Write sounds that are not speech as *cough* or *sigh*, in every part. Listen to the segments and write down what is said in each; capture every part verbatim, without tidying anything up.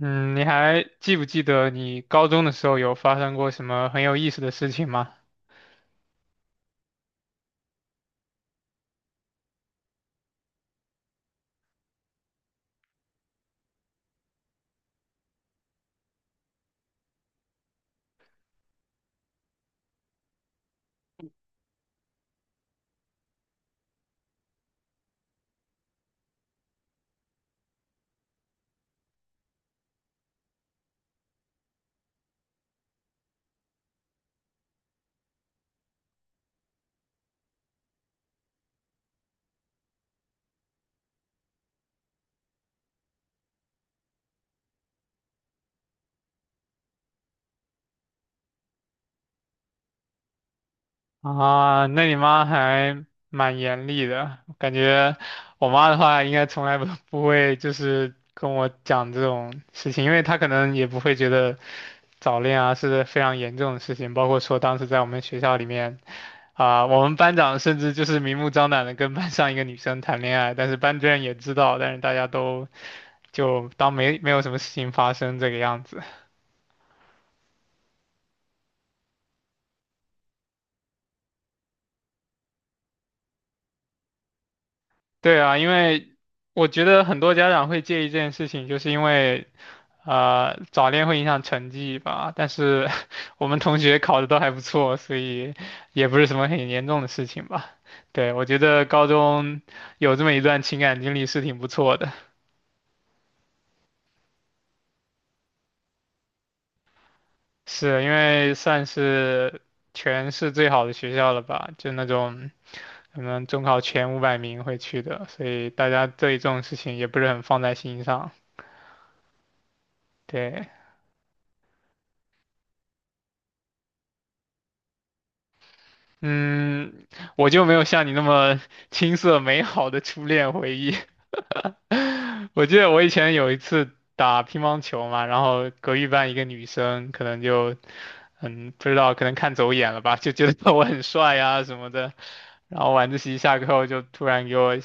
嗯，你还记不记得你高中的时候有发生过什么很有意思的事情吗？啊，那你妈还蛮严厉的，感觉我妈的话应该从来不 *laughs* 不会就是跟我讲这种事情，因为她可能也不会觉得早恋啊是非常严重的事情，包括说当时在我们学校里面，啊、我们班长甚至就是明目张胆的跟班上一个女生谈恋爱，但是班主任也知道，但是大家都就当没没有什么事情发生这个样子。对啊，因为我觉得很多家长会介意这件事情，就是因为。啊，早恋会影响成绩吧，但是 *laughs* 我们同学考的都还不错，所以也不是什么很严重的事情吧。对，我觉得高中有这么一段情感经历是挺不错的，是因为算是全市最好的学校了吧，就那种可能中考前五百名会去的，所以大家对这种事情也不是很放在心上。对，嗯，我就没有像你那么青涩美好的初恋回忆。*laughs* 我记得我以前有一次打乒乓球嘛，然后隔壁班一个女生可能就，嗯，不知道，可能看走眼了吧，就觉得 *laughs* 我很帅呀、什么的。然后晚自习下课后就突然给我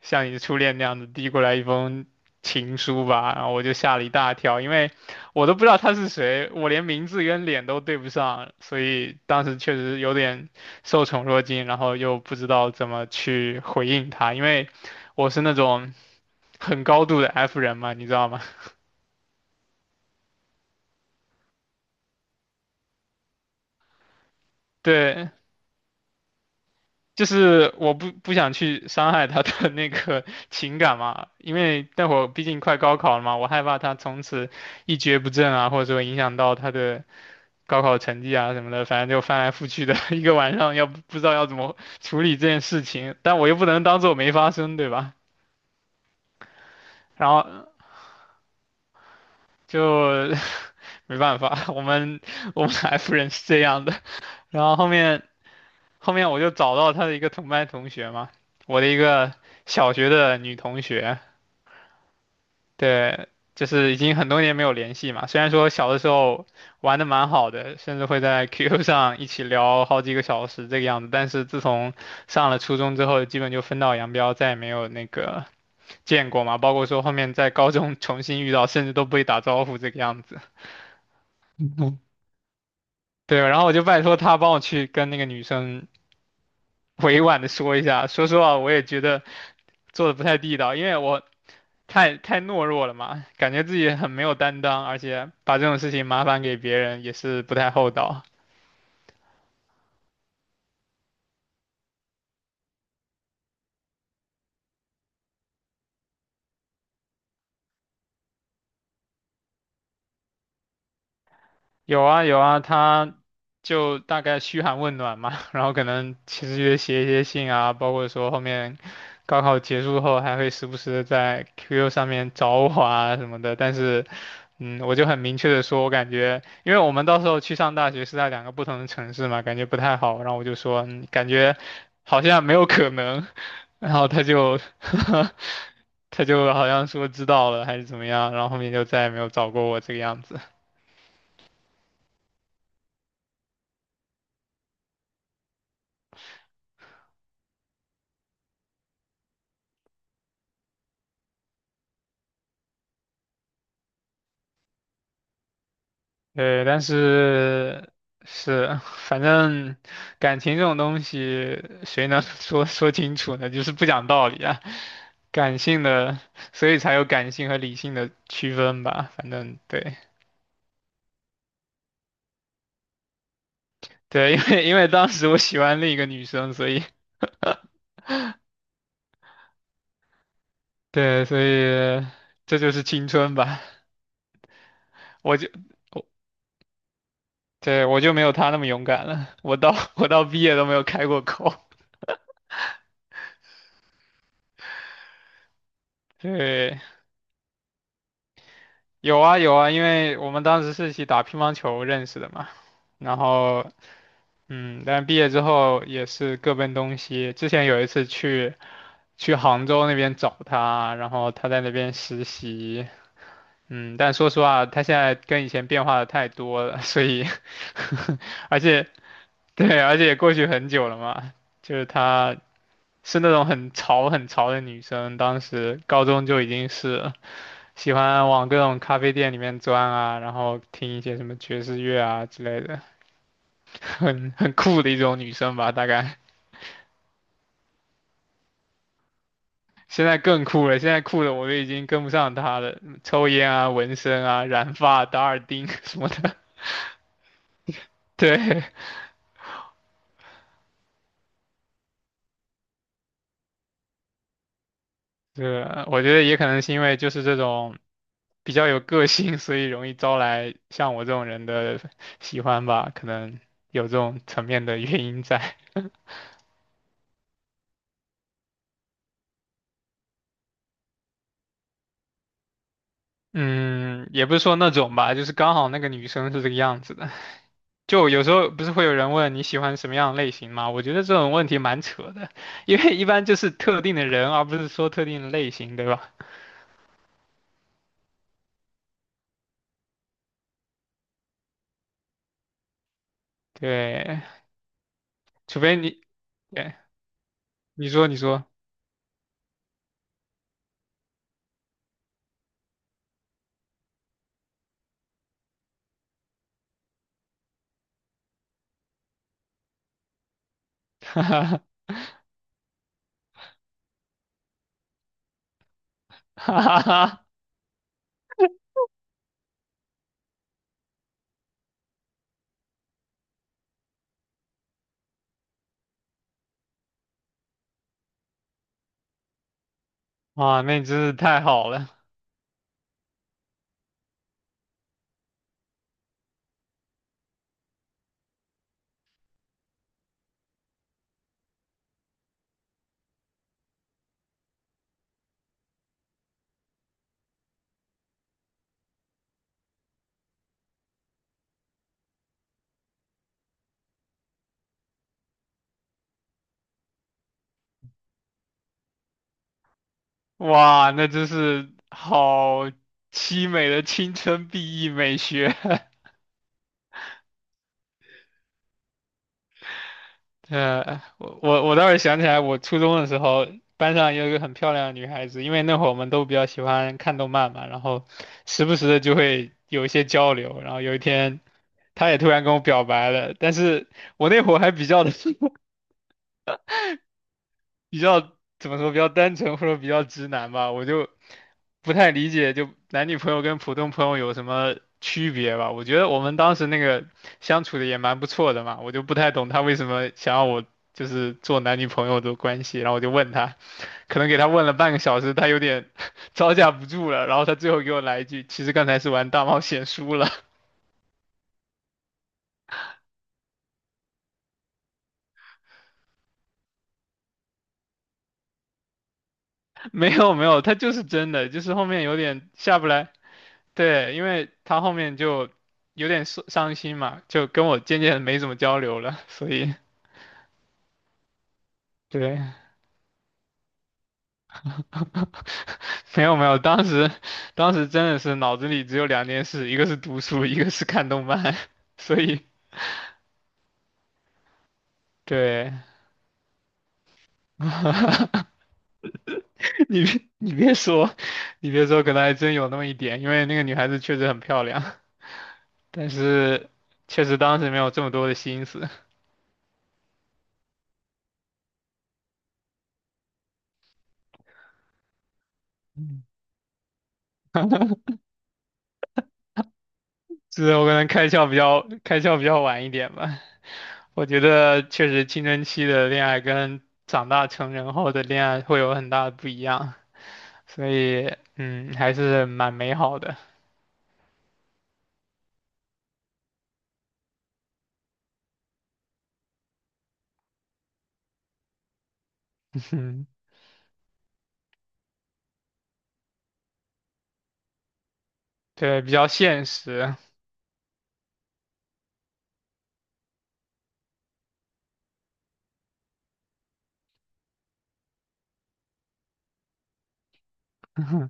像你的初恋那样子递过来一封情书吧，然后我就吓了一大跳，因为我都不知道他是谁，我连名字跟脸都对不上，所以当时确实有点受宠若惊，然后又不知道怎么去回应他，因为我是那种。很高度的 F 人嘛，你知道吗？对，就是我不不想去伤害他的那个情感嘛，因为待会儿毕竟快高考了嘛，我害怕他从此一蹶不振啊，或者说影响到他的高考成绩啊什么的，反正就翻来覆去的一个晚上，要不不知道要怎么处理这件事情，但我又不能当做没发生，对吧？然后就 *laughs* 没办法，我们我们 F 人是这样的，然后后面。后面我就找到他的一个同班同学嘛，我的一个小学的女同学，对，就是已经很多年没有联系嘛。虽然说小的时候玩的蛮好的，甚至会在 Q Q 上一起聊好几个小时这个样子，但是自从上了初中之后，基本就分道扬镳，再也没有那个见过嘛。包括说后面在高中重新遇到，甚至都不会打招呼这个样子。对，然后我就拜托他帮我去跟那个女生委婉的说一下，说实话，我也觉得。做的不太地道，因为我太太懦弱了嘛，感觉自己很没有担当，而且把这种事情麻烦给别人也是不太厚道。有啊有啊，他就大概嘘寒问暖嘛，*laughs* 然后可能其实也写一些信啊，包括说后面高考结束后还会时不时的在 Q Q 上面找我啊什么的，但是，嗯，我就很明确的说，我感觉，因为我们到时候去上大学是在两个不同的城市嘛，感觉不太好，然后我就说，嗯，感觉好像没有可能，*laughs* 然后他就 *laughs* 他就好像说知道了还是怎么样，然后后面就再也没有找过我这个样子。对，但是是，*laughs* 反正感情这种东西，谁能 *laughs* 说说清楚呢？就是不讲道理啊，感性的，所以才有感性和理性的区分吧。反正对对，*laughs* 因为因为当时我喜欢另一个女生，所以对，所以这就是青春吧。我就我对我就没有她那么勇敢了，我到 *laughs* 我到毕业都没有开过口。*laughs* 对。有啊有啊，因为我们当时是一起打乒乓球认识的嘛，然后嗯，但毕业之后也是各奔东西。之前有一次去去杭州那边找他，然后他在那边实习，嗯，但说实话，他现在跟以前变化的太多了，所以 *laughs* 而且对，而且也过去很久了嘛，就是她是那种很潮很潮的女生，当时高中就已经是。喜欢往各种咖啡店里面钻啊，然后听一些什么爵士乐啊之类的，*laughs* 很很酷的一种女生吧，大概。现在更酷了，现在酷的我都已经跟不上她了，抽烟啊、纹身啊、染发、打耳钉 *laughs* 什么的。*laughs* 对，对，我觉得也可能是因为就是这种比较有个性，所以容易招来像我这种人的喜欢吧，可能有这种层面的原因在。嗯，也不是说那种吧，就是刚好那个女生是这个样子的。就有时候不是会有人问你喜欢什么样的类型吗？我觉得这种问题蛮扯的，因为一般就是特定的人，而不是说特定的类型，对吧？对，除非你，对，你说你说，*laughs* 哈哈哈，哇，那你真是太好了，哇，那真是好凄美的青春 B E 美学，*laughs* 呃，我我我倒是想起来，我初中的时候，班上有一个很漂亮的女孩子，因为那会儿我们都比较喜欢看动漫嘛，然后时不时的就会有一些交流，然后有一天她也突然跟我表白了，但是我那会儿还比较的 *laughs* 比较怎么说，比较单纯或者比较直男吧，我就不太理解，就男女朋友跟普通朋友有什么区别吧？我觉得我们当时那个相处的也蛮不错的嘛，我就不太懂他为什么想要我就是做男女朋友的关系，然后我就问他，可能给他问了半个小时，他有点 *laughs* 招架不住了，然后他最后给我来一句，其实刚才是玩大冒险输了，*laughs* 没有没有，他就是真的，就是后面有点下不来。对，因为他后面就有点伤伤心嘛，就跟我渐渐没怎么交流了，所以对，*laughs* 没有没有，当时当时真的是脑子里只有两件事，一个是读书，一个是看动漫，*laughs* 所以对 *laughs* 你别你别说，你别说，可能还真有那么一点，因为那个女孩子确实很漂亮，但是确实当时没有这么多的心思，*laughs* 嗯 *laughs* 是我可能开窍比较开窍比较晚一点吧，我觉得确实青春期的恋爱跟长大成人后的恋爱会有很大的不一样，所以嗯，还是蛮美好的。*laughs* 嗯对，比较现实。*laughs*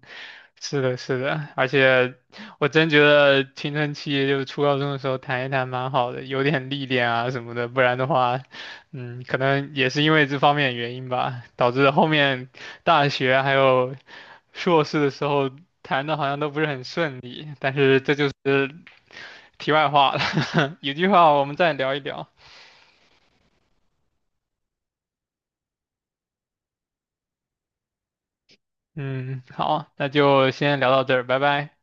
是的，是的，而且我真觉得青春期就是初高中的时候谈一谈蛮好的，有点历练啊什么的，不然的话，嗯，可能也是因为这方面的原因吧，导致后面大学还有硕士的时候谈的好像都不是很顺利，但是这就是题外话了，*laughs* 有句话我们再聊一聊。嗯，好，那就先聊到这儿，拜拜。